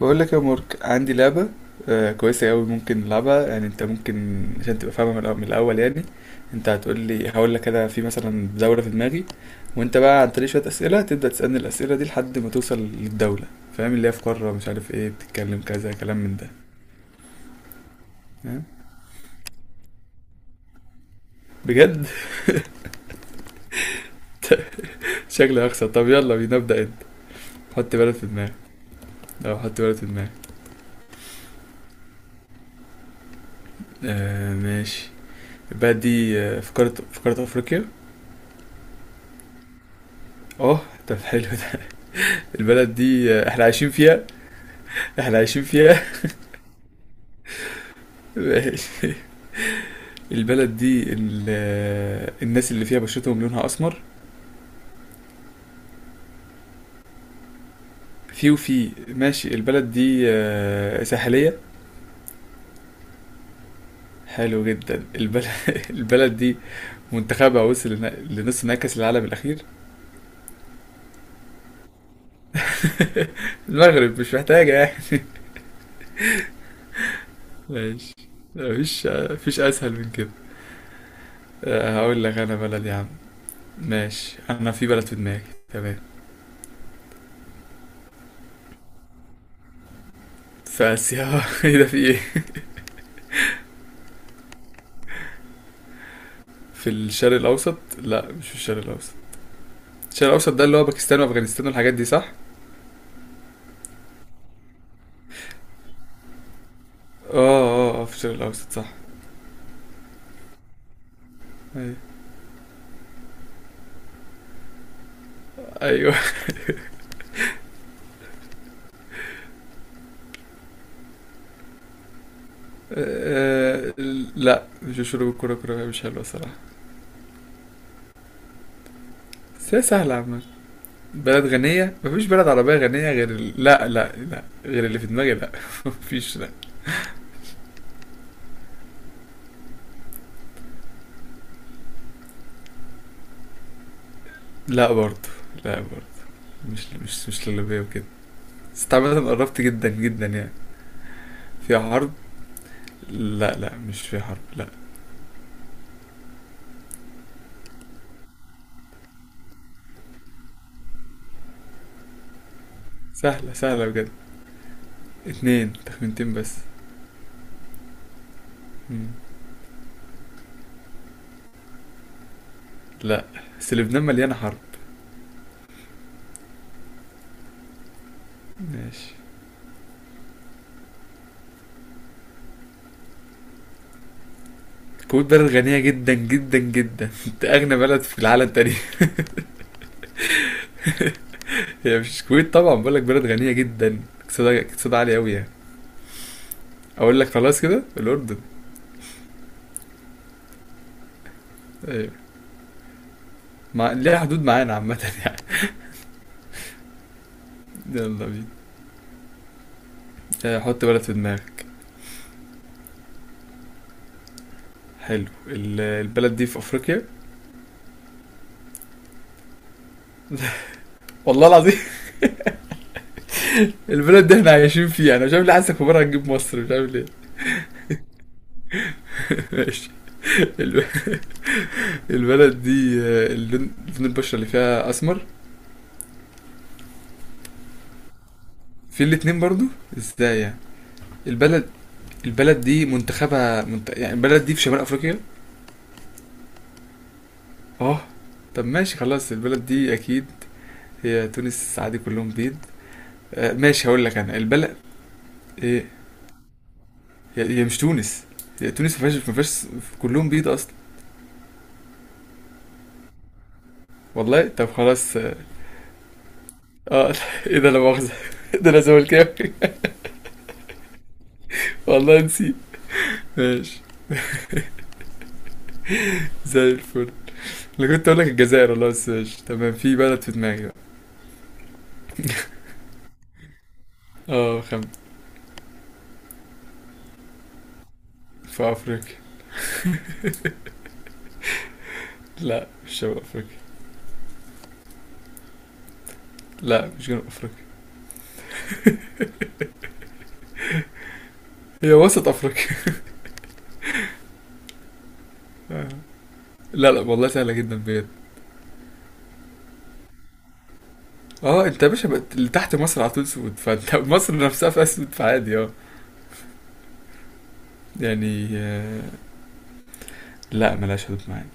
بقول لك يا مارك عندي لعبة. آه، كويسة أوي ممكن نلعبها. يعني أنت ممكن عشان تبقى فاهمة من الأول يعني. أنت هتقول لي، هقول لك أنا في مثلا دولة في دماغي، وأنت بقى عن طريق شوية أسئلة تبدأ تسألني الأسئلة دي لحد ما توصل للدولة. فاهم؟ اللي هي في قارة، مش عارف إيه، بتتكلم كذا كلام من ده. فاهم؟ بجد؟ شكلي هخسر. طب يلا بينا ابدأ أنت. حط بلد في دماغك. أه حط بلد في دماغك. آه ماشي. البلد دي في قارة، في قارة أفريقيا. أه. طب حلو ده. البلد دي إحنا عايشين فيها؟ احنا عايشين فيها؟ البلد دي ال- الناس اللي فيها بشرتهم لونها اسمر؟ في وفي، ماشي. البلد دي ساحلية؟ حلو جدا البلد. البلد دي منتخبها وصل لنص نهائي كأس العالم الأخير. المغرب، مش محتاجة يعني. ماشي. مفيش أسهل من كده. آه، هقول لك أنا بلد يا عم. ماشي، أنا في بلد في دماغي، تمام. في آسيا؟ ايه ده، في إيه؟ في الشرق الأوسط؟ لا مش في الشرق الأوسط. الشرق الاوسط ده اللي هو باكستان وافغانستان والحاجات دي صح؟ اه، اه اه في الشرق الاوسط صح. ايوه. ايوه. آه، لا مش مشهورة بالكرة، كرة مش حلوة صراحة. بس هي سهلة عامة. بلد غنية؟ مفيش بلد عربية غنية غير ال... لا لا لا، غير اللي في دماغي لا. مفيش لا. لا برضه. لا برضه. مش للبية وكده. بس عامة قربت جدا جدا يعني. فيها حرب؟ لا لا مش فيها حرب لا. سهلة، سهلة بجد. اتنين تخمينتين بس. مم. لا، بس لبنان مليانة حرب. ماشي. الكويت بلد غنية جدا جدا جدا. دي أغنى بلد في العالم تقريبا. هي مش الكويت طبعا، بقول لك بلد غنية جدا، اقتصادها، اقتصادها عالي أوي يعني. أقول لك خلاص كده، الأردن. أيوة. ليها حدود معانا عامة. يلا بينا. آه، حط بلد في دماغك. حلو. البلد دي في أفريقيا. والله العظيم. البلد دي احنا عايشين فيها، انا مش عارف ليه حاسسك بره هتجيب مصر، مش عارف ليه. ماشي. الب- البلد دي اللون، لون البشرة اللي فيها أسمر. في الاتنين برضو. ازاي يعني؟ البلد، البلد دي منتخبها يعني البلد دي في شمال افريقيا. اه. طب ماشي خلاص، البلد دي اكيد هي تونس، السعادي كلهم بيض. آه ماشي، هقول لك انا البلد. ايه؟ هي مش تونس. هي تونس ما فيهاش كلهم بيض اصلا. والله طب خلاص اه. آه، ايه ده، لا مؤاخذة، ده انا زملكاوي. والله نسيت. زي الفل. انا كنت اقول لك الجزائر والله، بس ماشي تمام. في بلد في دماغي بقى. اه خم. في افريقيا. لا مش شمال افريقيا. لا مش جنوب افريقيا. هي وسط افريقيا. آه. لا لا والله سهلة جدا بجد. اه، انت يا باشا بقت اللي تحت مصر على طول سود، فانت مصر نفسها في اسود فعادي اه يعني. آه، لا ملهاش حدود معانا.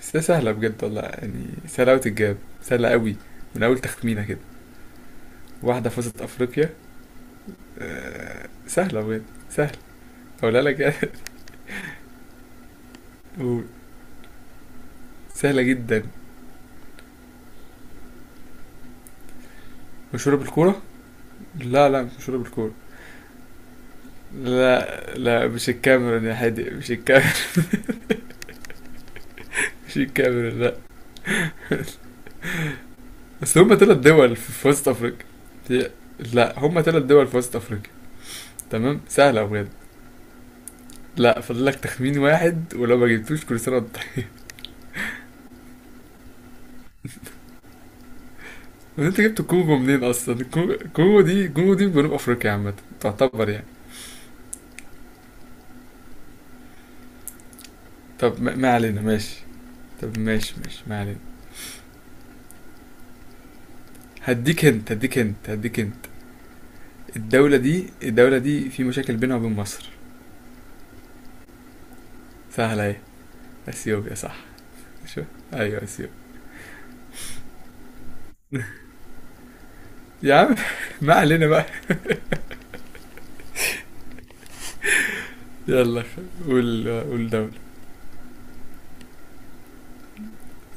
بس هي سهلة بجد والله، يعني سهلة أوي تتجاب. سهلة أوي، من أول تخمينة كده. واحدة فازت أفريقيا. آه، سهلة بجد، سهلة. أقولها لك يعني. قول. سهلة جدا. مشهورة بالكورة؟ لا لا مش مشهورة بالكورة. لا لا مش الكاميرون يا حادق، مش الكاميرون. مش الكاميرون لا. بس هما تلات دول في وسط افريقيا. هي- لا هما تلات دول في وسط افريقيا. تمام. سهلة بجد. لا فاضل لك تخمين واحد، ولو ما جبتوش كل سنة وانت طيب. وانت جبت كونغو منين اصلا، كونغو دي، كونغو دي في جنوب افريقيا عامة تعتبر يعني. طب ما علينا ماشي. طب ماشي ماشي ما علينا. هديك انت. الدولة دي، الدولة دي في مشاكل بينها وبين مصر. سهلة اهي. اثيوبيا صح؟ شو؟ ايوه اثيوبيا. يا عم ما علينا بقى. يلا، قول، قول دولة.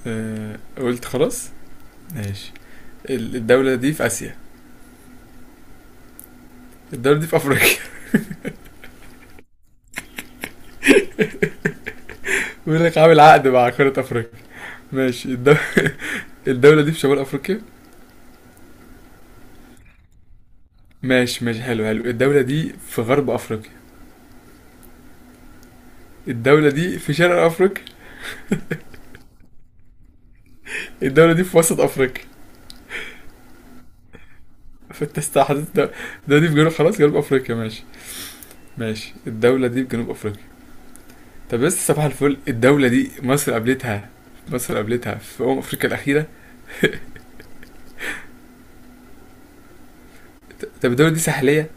آه، قلت خلاص؟ ماشي. الدولة دي في آسيا؟ الدولة دي في أفريقيا. بيقول لك عامل عقد مع قارة أفريقيا. ماشي. الدولة دي في شمال أفريقيا؟ ماشي ماشي، حلو حلو. الدولة دي في غرب أفريقيا؟ الدولة دي في شرق أفريقيا؟ الدولة دي في وسط أفريقيا؟ فأنت استحدثت الدولة. الدولة دي في جنوب، خلاص جنوب أفريقيا ماشي. ماشي الدولة دي في جنوب أفريقيا. طب بس صباح الفل، الدولة دي مصر قابلتها، مصر قابلتها في أمم أفريقيا الأخيرة. طب الدولة دي ساحلية؟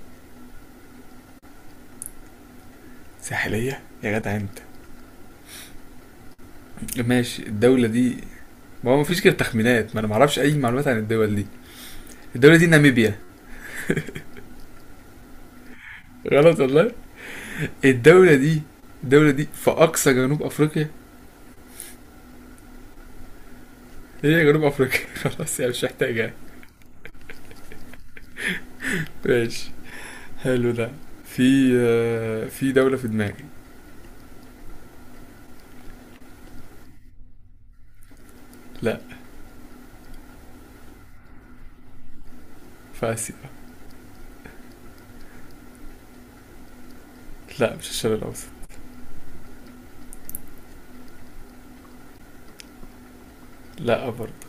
ساحلية يا جدع انت. ماشي. الدولة دي، ما هو مفيش كده تخمينات، ما انا معرفش اي معلومات عن الدول دي. الدولة دي ناميبيا. غلط والله. الدولة دي، الدولة دي في اقصى جنوب افريقيا. هي جنوب افريقيا. خلاص يعني مش محتاجة. ماشي. حلو ده. في آه، في دولة في دماغي. لا. في اسيا. لا مش الشرق الاوسط. لا برضه.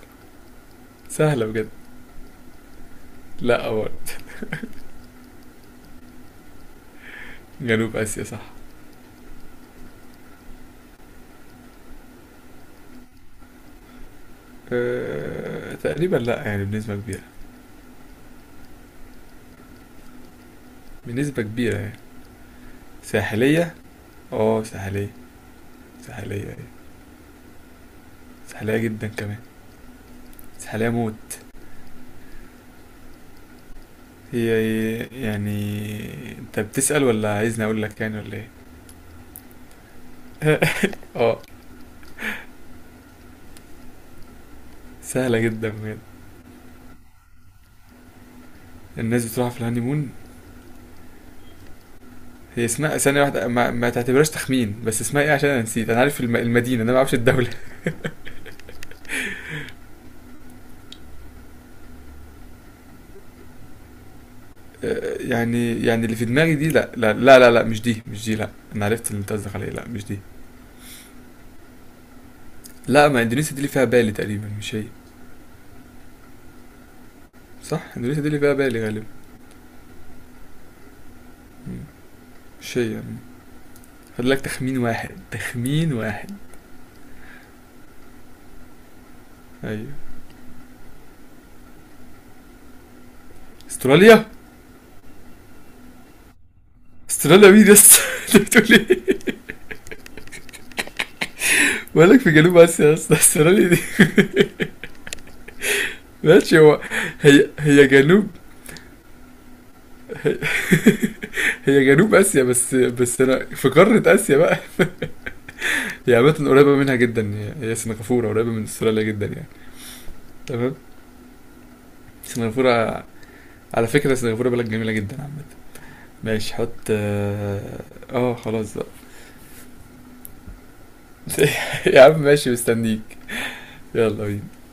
سهلة بجد. لا برضه. جنوب اسيا صح. أه تقريبا، لا يعني بنسبة كبيرة. بنسبة كبيرة يعني. ساحلية؟ اه ساحلية. ساحلية، سحلية جدا كمان. سحلية موت. هي، يعني، انت بتسأل ولا عايزني اقول لك يعني ولا ايه؟ اه. سهلة جدا بجد. الناس بتروح في الهانيمون. هي اسمها، ثانية واحدة، ما تعتبرهاش تخمين، بس اسمها ايه عشان انا نسيت، انا عارف المدينة، انا ما اعرفش الدولة. آه، يعني، يعني اللي في دماغي دي لا، مش دي، مش دي لا. انا عرفت اللي انت قصدك عليه، لا مش دي. لا، ما اندونيسيا دي اللي فيها بالي تقريبا، مش هي. صح اندونيسيا دي اللي فيها بالي غالبا. مم. مش هي يعني. فاضل لك تخمين واحد، تخمين واحد. ايوه. استراليا. استراليا مين يا اسطى؟ انت بتقول ايه، مالك في جنوب اسيا يا اسطى، استراليا دي. ماشي. هو، هي هي جنوب، هي, هي جنوب اسيا، بس بس انا في قارة اسيا بقى. هي عامة قريبة منها جدا، هي سنغافورة قريبة من استراليا جدا يعني. تمام. سنغافورة. على فكرة سنغافورة بلد جميلة جدا عامة. ماشي، حط اه. آه، خلاص بقى. يا عم ماشي، مستنيك. يلا بينا.